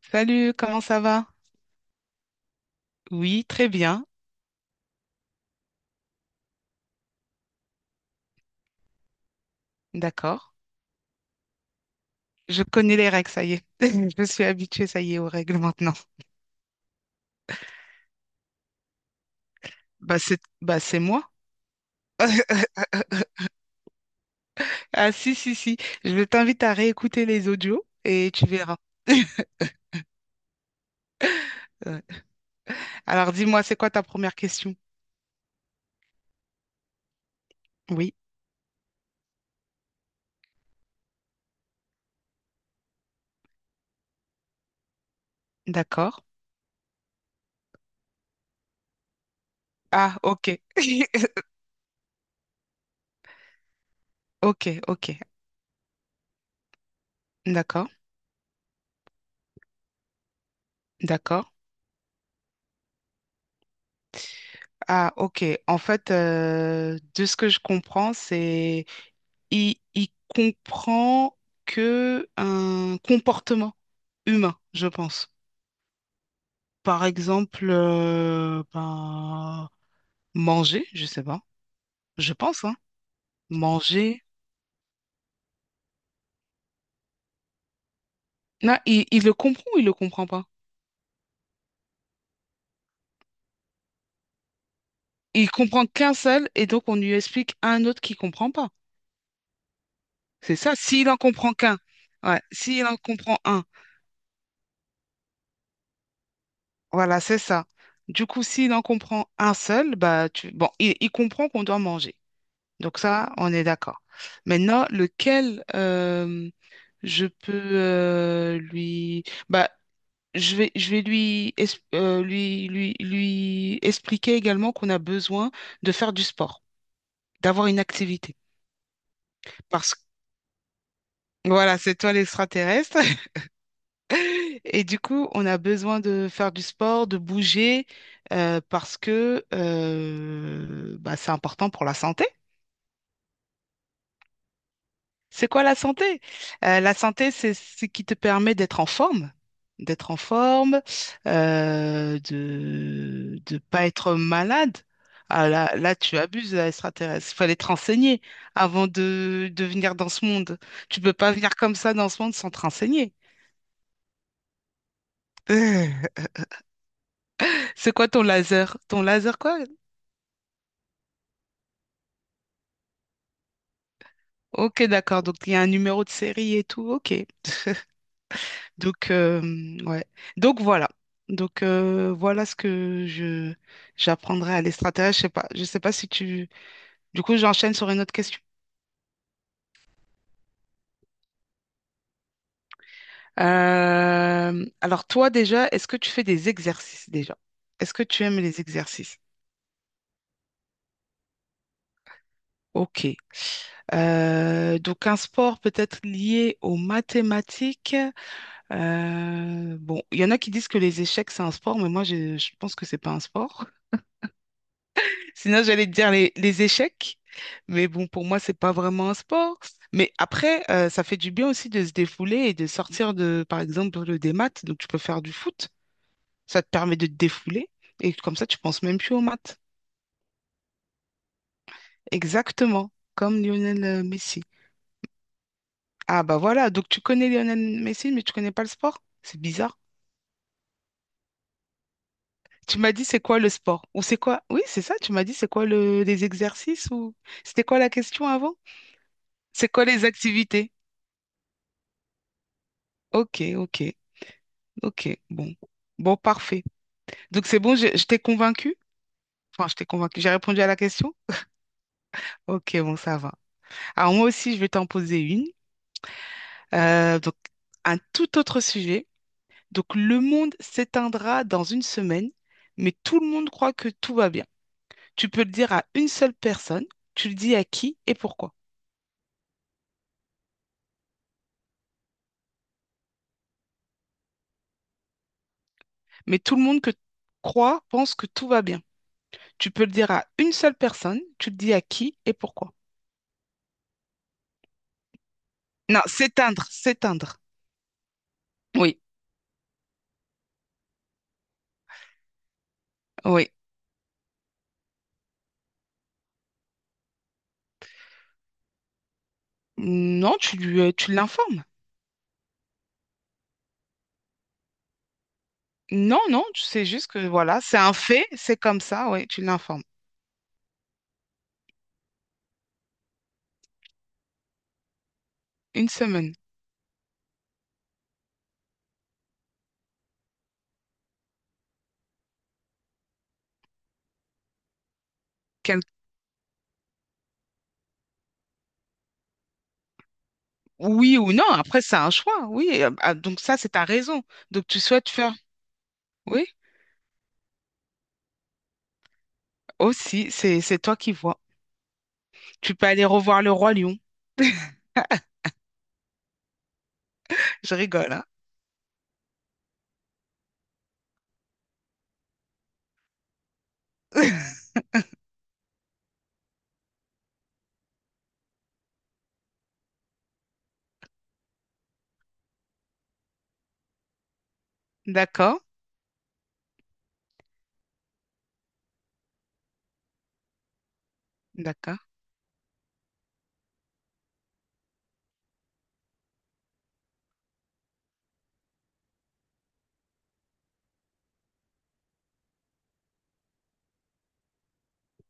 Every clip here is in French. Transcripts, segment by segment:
Salut, comment ça va? Oui, très bien, d'accord. Je connais les règles, ça y est. Je suis habituée, ça y est, aux règles maintenant. C'est moi. Ah si, si, si. Je t'invite à réécouter les audios et tu verras. Ouais. Alors dis-moi, c'est quoi ta première question? Oui, d'accord. Ah, ok. Ok, ok. D'accord, d'accord. Ah, ok. En fait, de ce que je comprends, c'est il comprend que un comportement humain, je pense. Par exemple, ben, manger, je sais pas. Je pense, hein. Manger. Non, il le comprend ou il le comprend pas? Il comprend qu'un seul et donc on lui explique à un autre qui comprend pas. C'est ça. S'il en comprend qu'un. Ouais. S'il en comprend un. Voilà, c'est ça. Du coup, s'il en comprend un seul, bah tu... bon, il comprend qu'on doit manger. Donc ça, on est d'accord. Maintenant, lequel je peux lui... Bah, je vais lui, lui expliquer également qu'on a besoin de faire du sport, d'avoir une activité. Parce que, voilà, c'est toi l'extraterrestre. Et du coup, on a besoin de faire du sport, de bouger, parce que bah, c'est important pour la santé. C'est quoi la santé? La santé, c'est ce qui te permet d'être en forme, de ne pas être malade. Ah, là, là, tu abuses, là, extraterrestre. Il fallait te renseigner avant de venir dans ce monde. Tu peux pas venir comme ça dans ce monde sans te renseigner. C'est quoi ton laser? Ton laser quoi? Ok, d'accord. Donc, il y a un numéro de série et tout. Ok. Donc, ouais. Donc voilà. Donc voilà ce que je j'apprendrai à l'extraterrestre. Je sais pas. Je sais pas si tu. Du coup, j'enchaîne sur une autre question. Alors toi déjà, est-ce que tu fais des exercices déjà? Est-ce que tu aimes les exercices? Ok. Donc un sport peut-être lié aux mathématiques. Bon, il y en a qui disent que les échecs c'est un sport, mais moi je pense que c'est pas un sport. Sinon, j'allais te dire les échecs, mais bon, pour moi, c'est pas vraiment un sport. Mais après, ça fait du bien aussi de se défouler et de sortir de, par exemple, des maths. Donc, tu peux faire du foot, ça te permet de te défouler et comme ça, tu penses même plus aux maths. Exactement, comme Lionel Messi. Ah bah voilà, donc tu connais Lionel Messi, mais tu connais pas le sport? C'est bizarre. Tu m'as dit c'est quoi le sport? Ou c'est quoi? Oui, c'est ça, tu m'as dit c'est quoi le, les exercices ou c'était quoi la question avant? C'est quoi les activités? Ok, ok. Ok, bon. Bon, parfait. Donc c'est bon, je t'ai convaincu? Enfin, je t'ai convaincu. J'ai répondu à la question? Ok, bon, ça va. Alors moi aussi, je vais t'en poser une. Donc, un tout autre sujet. Donc, le monde s'éteindra dans une semaine, mais tout le monde croit que tout va bien. Tu peux le dire à une seule personne, tu le dis à qui et pourquoi. Mais tout le monde que croit pense que tout va bien. Tu peux le dire à une seule personne, tu le dis à qui et pourquoi. Non, s'éteindre, s'éteindre. Oui, oui. Non, tu lui, tu l'informes. Non, non, tu sais juste que voilà, c'est un fait, c'est comme ça, ouais, tu l'informes. Une semaine. Quel- Oui ou non, après c'est un choix, oui. Ah, donc ça, c'est ta raison. Donc tu souhaites faire. Oui, aussi, c'est toi qui vois. Tu peux aller revoir le roi lion. Je rigole, hein. D'accord, d'accord.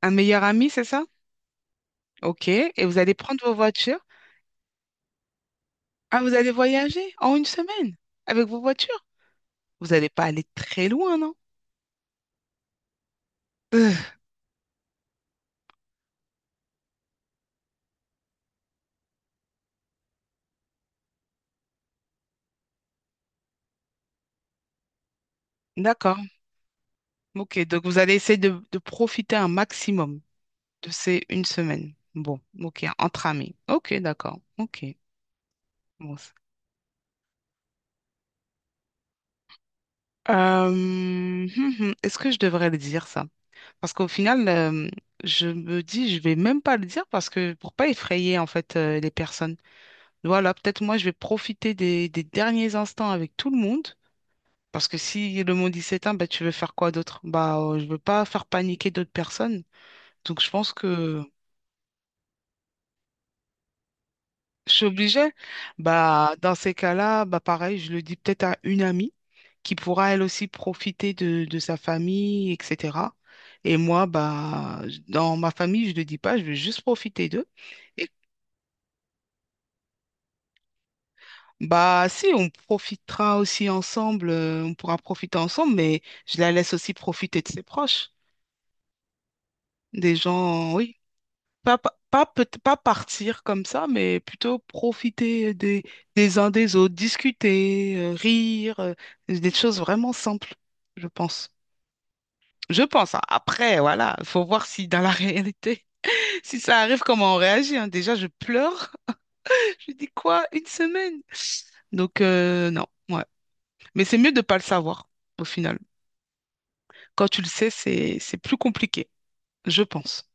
Un meilleur ami, c'est ça? Ok. Et vous allez prendre vos voitures. Ah, vous allez voyager en une semaine avec vos voitures. Vous n'allez pas aller très loin, non? D'accord. Ok, donc vous allez essayer de profiter un maximum de ces une semaine. Bon, ok, entre amis. Ok, d'accord. Ok. Bon. Euh, hum, Est-ce que je devrais le dire ça? Parce qu'au final, je me dis, je vais même pas le dire parce que pour pas effrayer en fait les personnes. Voilà, peut-être moi je vais profiter des derniers instants avec tout le monde. Parce que si le monde il s'éteint, bah, tu veux faire quoi d'autre? Bah, je veux pas faire paniquer d'autres personnes. Donc je pense que je suis obligée. Bah, dans ces cas-là, bah, pareil, je le dis peut-être à une amie qui pourra elle aussi profiter de sa famille, etc. Et moi, bah, dans ma famille, je le dis pas, je vais juste profiter d'eux. Et bah, si, on profitera aussi ensemble, on pourra profiter ensemble, mais je la laisse aussi profiter de ses proches, des gens, oui, pas, pa- pas, peut- pas partir comme ça, mais plutôt profiter des uns des autres, discuter, rire, des choses vraiment simples, je pense. Je pense. Hein. Après, voilà, il faut voir si dans la réalité, si ça arrive, comment on réagit. Hein. Déjà, je pleure. Je dis quoi? Une semaine? Donc, non, ouais. Mais c'est mieux de ne pas le savoir, au final. Quand tu le sais, c'est plus compliqué, je pense.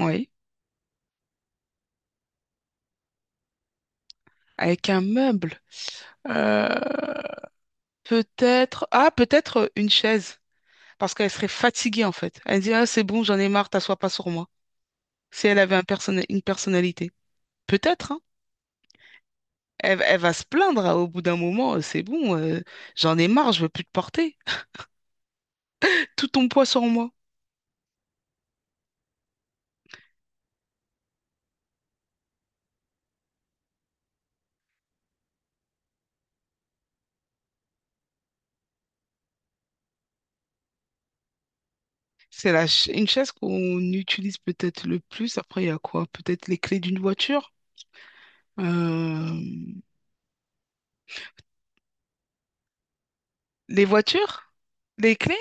Oui. Avec un meuble. Euh, Peut-être, ah, peut-être une chaise, parce qu'elle serait fatiguée en fait. Elle dit, ah, c'est bon, j'en ai marre, t'assois pas sur moi. Si elle avait un une personnalité, peut-être, hein. Elle va se plaindre hein, au bout d'un moment, c'est bon, j'en ai marre, je veux plus te porter. Tout ton poids sur moi. C'est la une chaise qu'on utilise peut-être le plus. Après, il y a quoi? Peut-être les clés d'une voiture? Euh, Les voitures? Les clés?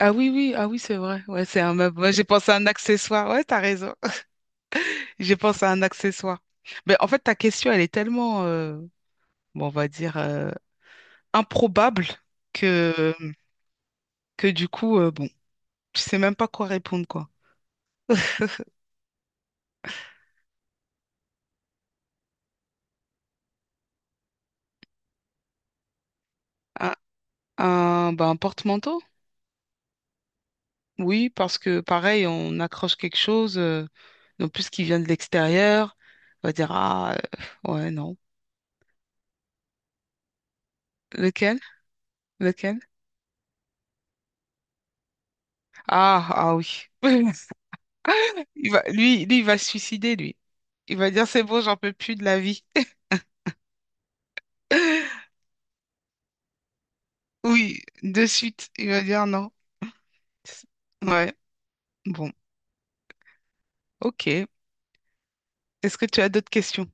Ah oui, oui, ah oui, c'est vrai. Ouais, c'est un meuble. Ouais, j'ai pensé à un accessoire. Ouais, t'as raison. J'ai pensé à un accessoire. Mais en fait, ta question, elle est tellement, bon, on va dire, improbable que, que du coup, bon, tu sais même pas quoi répondre, quoi. Un, bah, un porte-manteau? Oui, parce que pareil, on accroche quelque chose, donc plus qui vient de l'extérieur, on va dire, ah, ouais, non. Lequel? Lequel? Ah, ah oui. Il va, il va se suicider, lui. Il va dire, c'est bon, j'en peux plus de la vie. Oui, de suite, il va dire non. Ouais, bon, ok. Est-ce que tu as d'autres questions?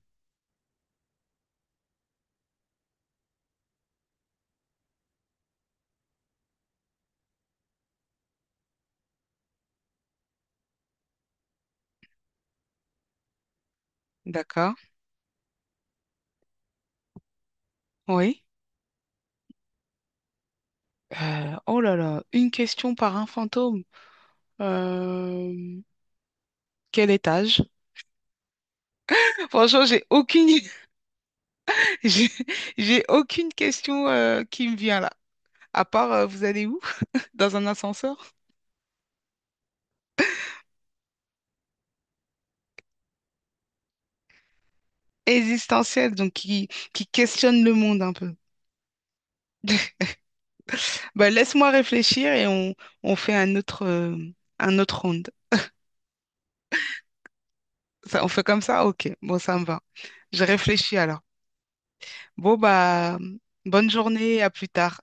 D'accord. Oui. Oh là là, une question par un fantôme. Euh, Quel étage? Franchement, j'ai aucune, j'ai j'ai aucune question qui me vient là. À part, vous allez où? Dans un ascenseur? Existentiel, qui questionne le monde un peu. Bah, laisse-moi réfléchir et on fait un autre round. Ça, on fait comme ça? Ok, bon, ça me va. Je réfléchis alors. Bon, bah, bonne journée, à plus tard.